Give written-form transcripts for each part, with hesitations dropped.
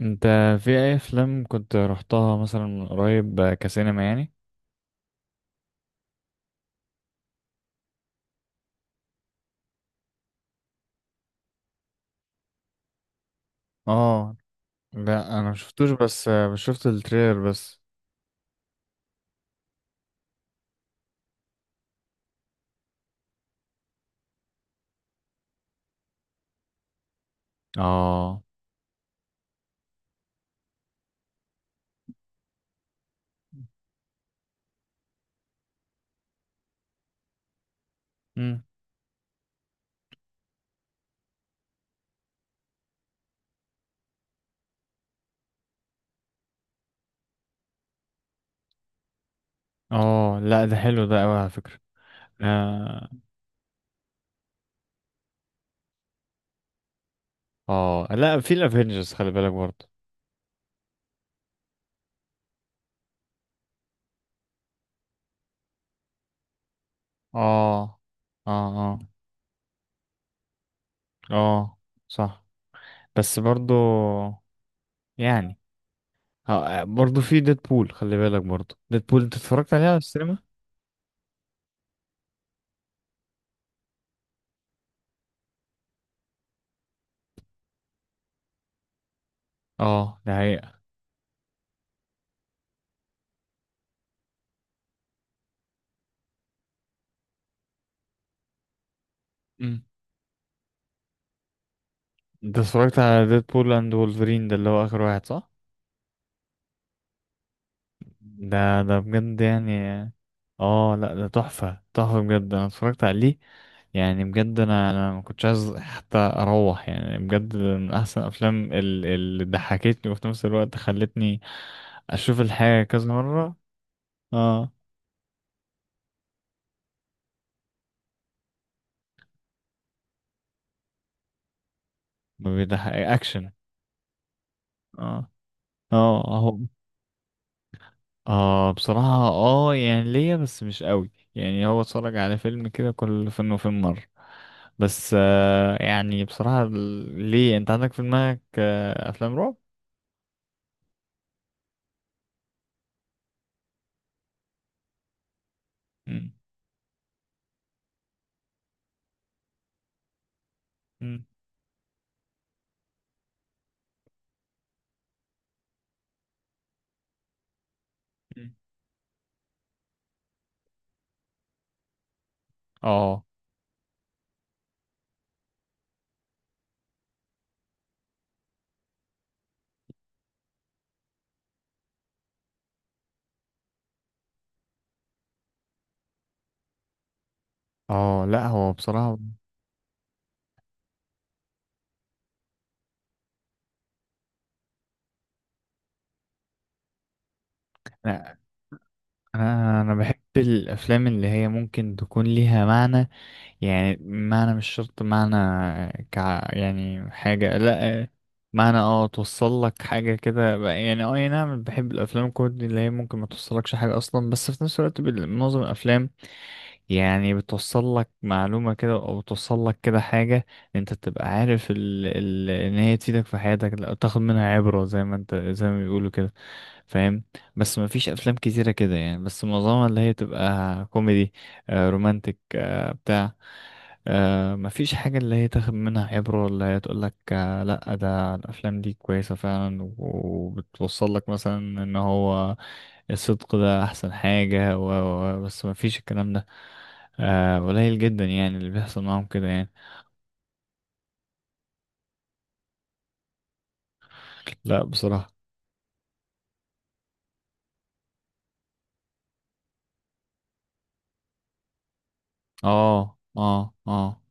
انت في اي افلام كنت رحتها مثلا من قريب، كسينما يعني؟ اه، لا انا مشفتوش. بس شفت التريلر بس. اه. امم. اه، لا ده حلو، ده قوي على فكرة. اه. اه، لا، في الافينجرز خلي بالك برضه. اه، اه، اه، اه، صح بس برضه يعني. برضه في ديدبول، خلي بالك برضه، ديدبول انت اتفرجت عليها على السينما؟ اه، ده حقيقة. مم. انت اتفرجت على ديدبول اند وولفرين ده اللي هو اخر واحد، صح؟ ده بجد يعني. اه، لا ده تحفة تحفة بجد، انا اتفرجت عليه. يعني بجد انا ما كنتش عايز حتى اروح، يعني بجد من احسن افلام اللي ضحكتني، وفي نفس الوقت خلتني اشوف الحاجة كذا مرة. اه، ما بيضحك اكشن. اه، اه، اهو. اه، بصراحة اه يعني ليا بس مش قوي، يعني هو اتفرج على فيلم كده كل فين وفين مرة. بس آه، يعني بصراحة، ليه، انت عندك في دماغك آه افلام رعب؟ مم. مم. مم. اه، اه، لا هو بصراحة. انا انا أنا بحب الافلام اللي هي ممكن تكون ليها معنى. يعني معنى، مش شرط معنى، ك يعني حاجة، لا. معنى اه، توصل لك حاجة كده يعني اه، أي نعم. بحب الافلام الكوميدي اللي هي ممكن ما توصلكش حاجة اصلا، بس في نفس الوقت معظم الافلام، يعني بتوصل لك معلومة كده، او بتوصل لك كده حاجة. انت تبقى عارف ان هي تفيدك في حياتك، لا تاخد منها عبرة زي ما انت، زي ما بيقولوا كده. فاهم؟ بس ما فيش افلام كتيرة كده يعني، بس معظمها اللي هي تبقى كوميدي، آه، رومانتك آه، بتاع. آه، ما فيش حاجة اللي هي تاخد منها عبرة، ولا هي تقول لك آه، لا ده الافلام دي كويسة فعلا، وبتوصل لك مثلا ان هو الصدق ده احسن حاجة، بس ما فيش الكلام ده. قليل جدا يعني اللي بيحصل معاهم كده يعني. لا بصراحة. اه، اه، اه،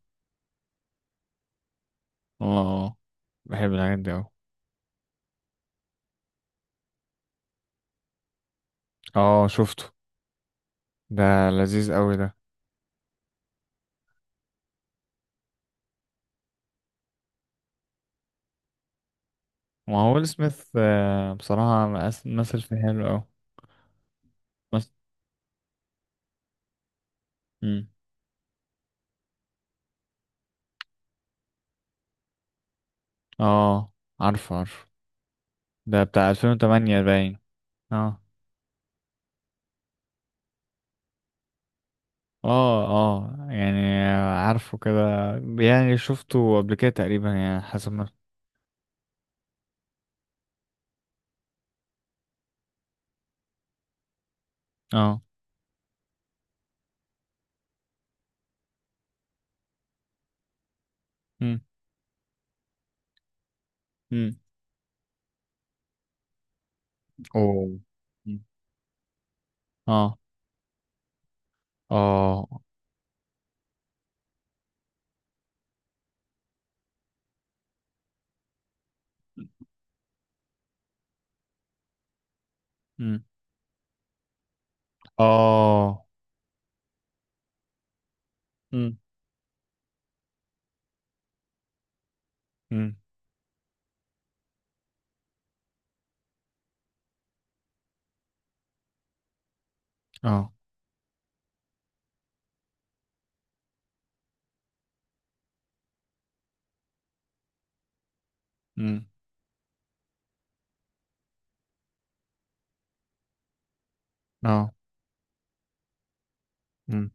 اه، آه. بحب الحاجات دي اوي. اه، شفته. ده لذيذ اوي ده. ما هو ويل سميث، آه، بصراحة مثل في حلو اوي. بس. مم. اه، عارفه عارفه، ده بتاع 2008 باين. اه، اه، اه، يعني عارفه كده. يعني شفته قبل كده تقريبا يعني، حسب ما. اه. امم. اوه. مم. اه. اه. امم. اه. امم. امم. اه. امم. اه. امم.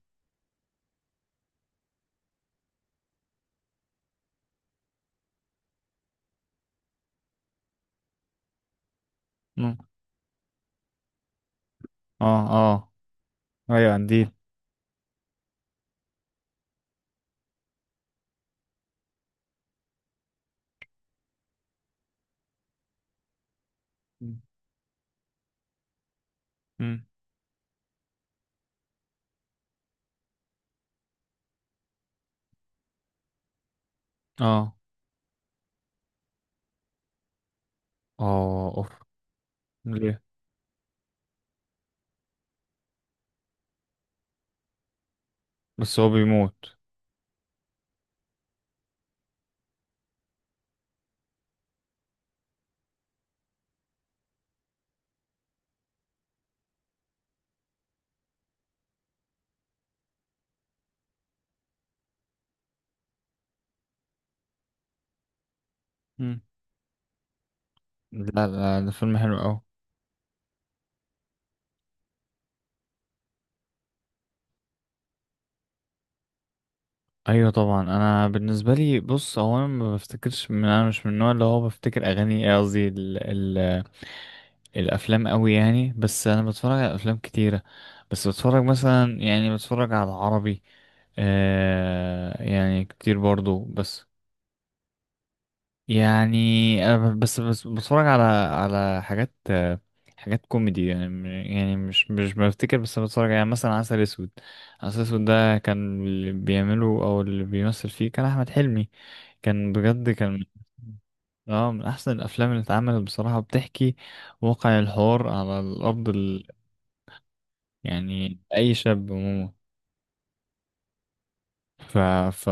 امم. اه. اه. ايوه عندي. امم. اه، اه، اوف. ليه؟ بس هو بيموت؟ امم. لا، لا، ده فيلم حلو قوي. ايوه طبعا. انا بالنسبه لي، بص هو انا ما بفتكرش من، انا مش من النوع اللي هو بفتكر اغاني، إيه قصدي ال ال الافلام قوي يعني، بس انا بتفرج على افلام كتيره. بس بتفرج مثلا، يعني بتفرج على عربي آه، يعني كتير برضو بس. يعني أنا بس بتفرج على حاجات حاجات كوميدي يعني يعني مش بفتكر بس بتفرج، يعني مثلا عسل اسود. عسل اسود ده كان اللي بيعمله، او اللي بيمثل فيه، كان احمد حلمي. كان بجد، كان اه، من احسن الافلام اللي اتعملت بصراحة، بتحكي واقع الحوار على الارض يعني اي شاب عموما. ف ف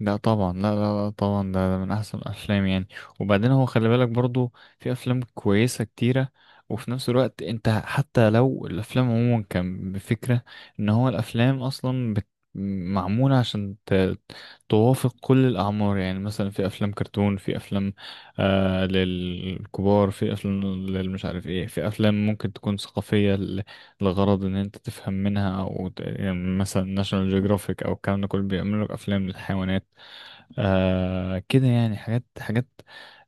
لا طبعا، لا، لا، لا طبعا، ده من احسن الافلام يعني. وبعدين هو خلي بالك برضو، في افلام كويسه كتيره. وفي نفس الوقت انت، حتى لو الافلام عموما، كان بفكره ان هو الافلام اصلا معموله عشان توافق كل الاعمار. يعني مثلا في افلام كرتون، في افلام آه للكبار، في افلام للمش عارف ايه، في افلام ممكن تكون ثقافيه لغرض ان انت تفهم منها، او يعني مثلا ناشونال جيوغرافيك او الكلام ده كله بيعملوا لك افلام للحيوانات. آه، كده يعني حاجات حاجات،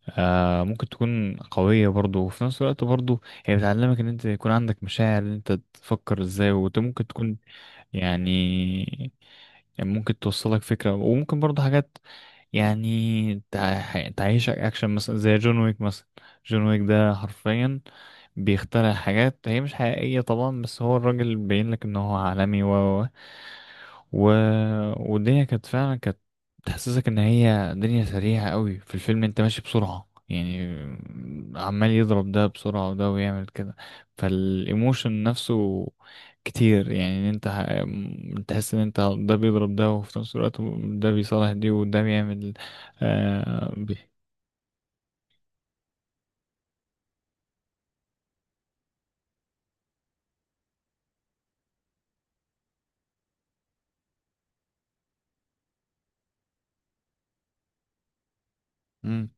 آه ممكن تكون قوية برضو، وفي نفس الوقت برضو هي بتعلمك ان انت يكون عندك مشاعر، ان انت تفكر ازاي، وممكن تكون يعني، ممكن توصلك فكرة، وممكن برضه حاجات يعني تعيشك أكشن مثلا، زي جون ويك مثلا. جون ويك ده حرفيا بيخترع حاجات هي مش حقيقية طبعا، بس هو الراجل بيبين لك إن هو عالمي، و والدنيا كانت فعلا، كانت تحسسك إن هي دنيا سريعة قوي. في الفيلم أنت ماشي بسرعة يعني، عمال يضرب ده بسرعة، وده ويعمل كده. فالإيموشن نفسه كتير، يعني انت تحس ان انت ده بيضرب ده، وفي نفس الوقت ده بيصالح دي، وده بيعمل بي. مم.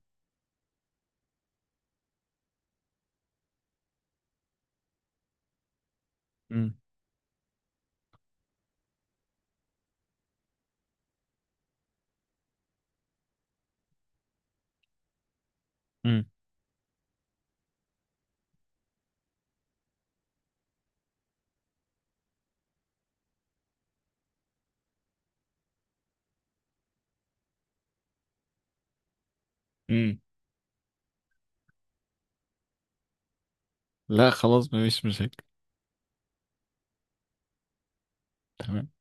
مم. مم. مم. لا خلاص، مفيش مشاكل. تمام.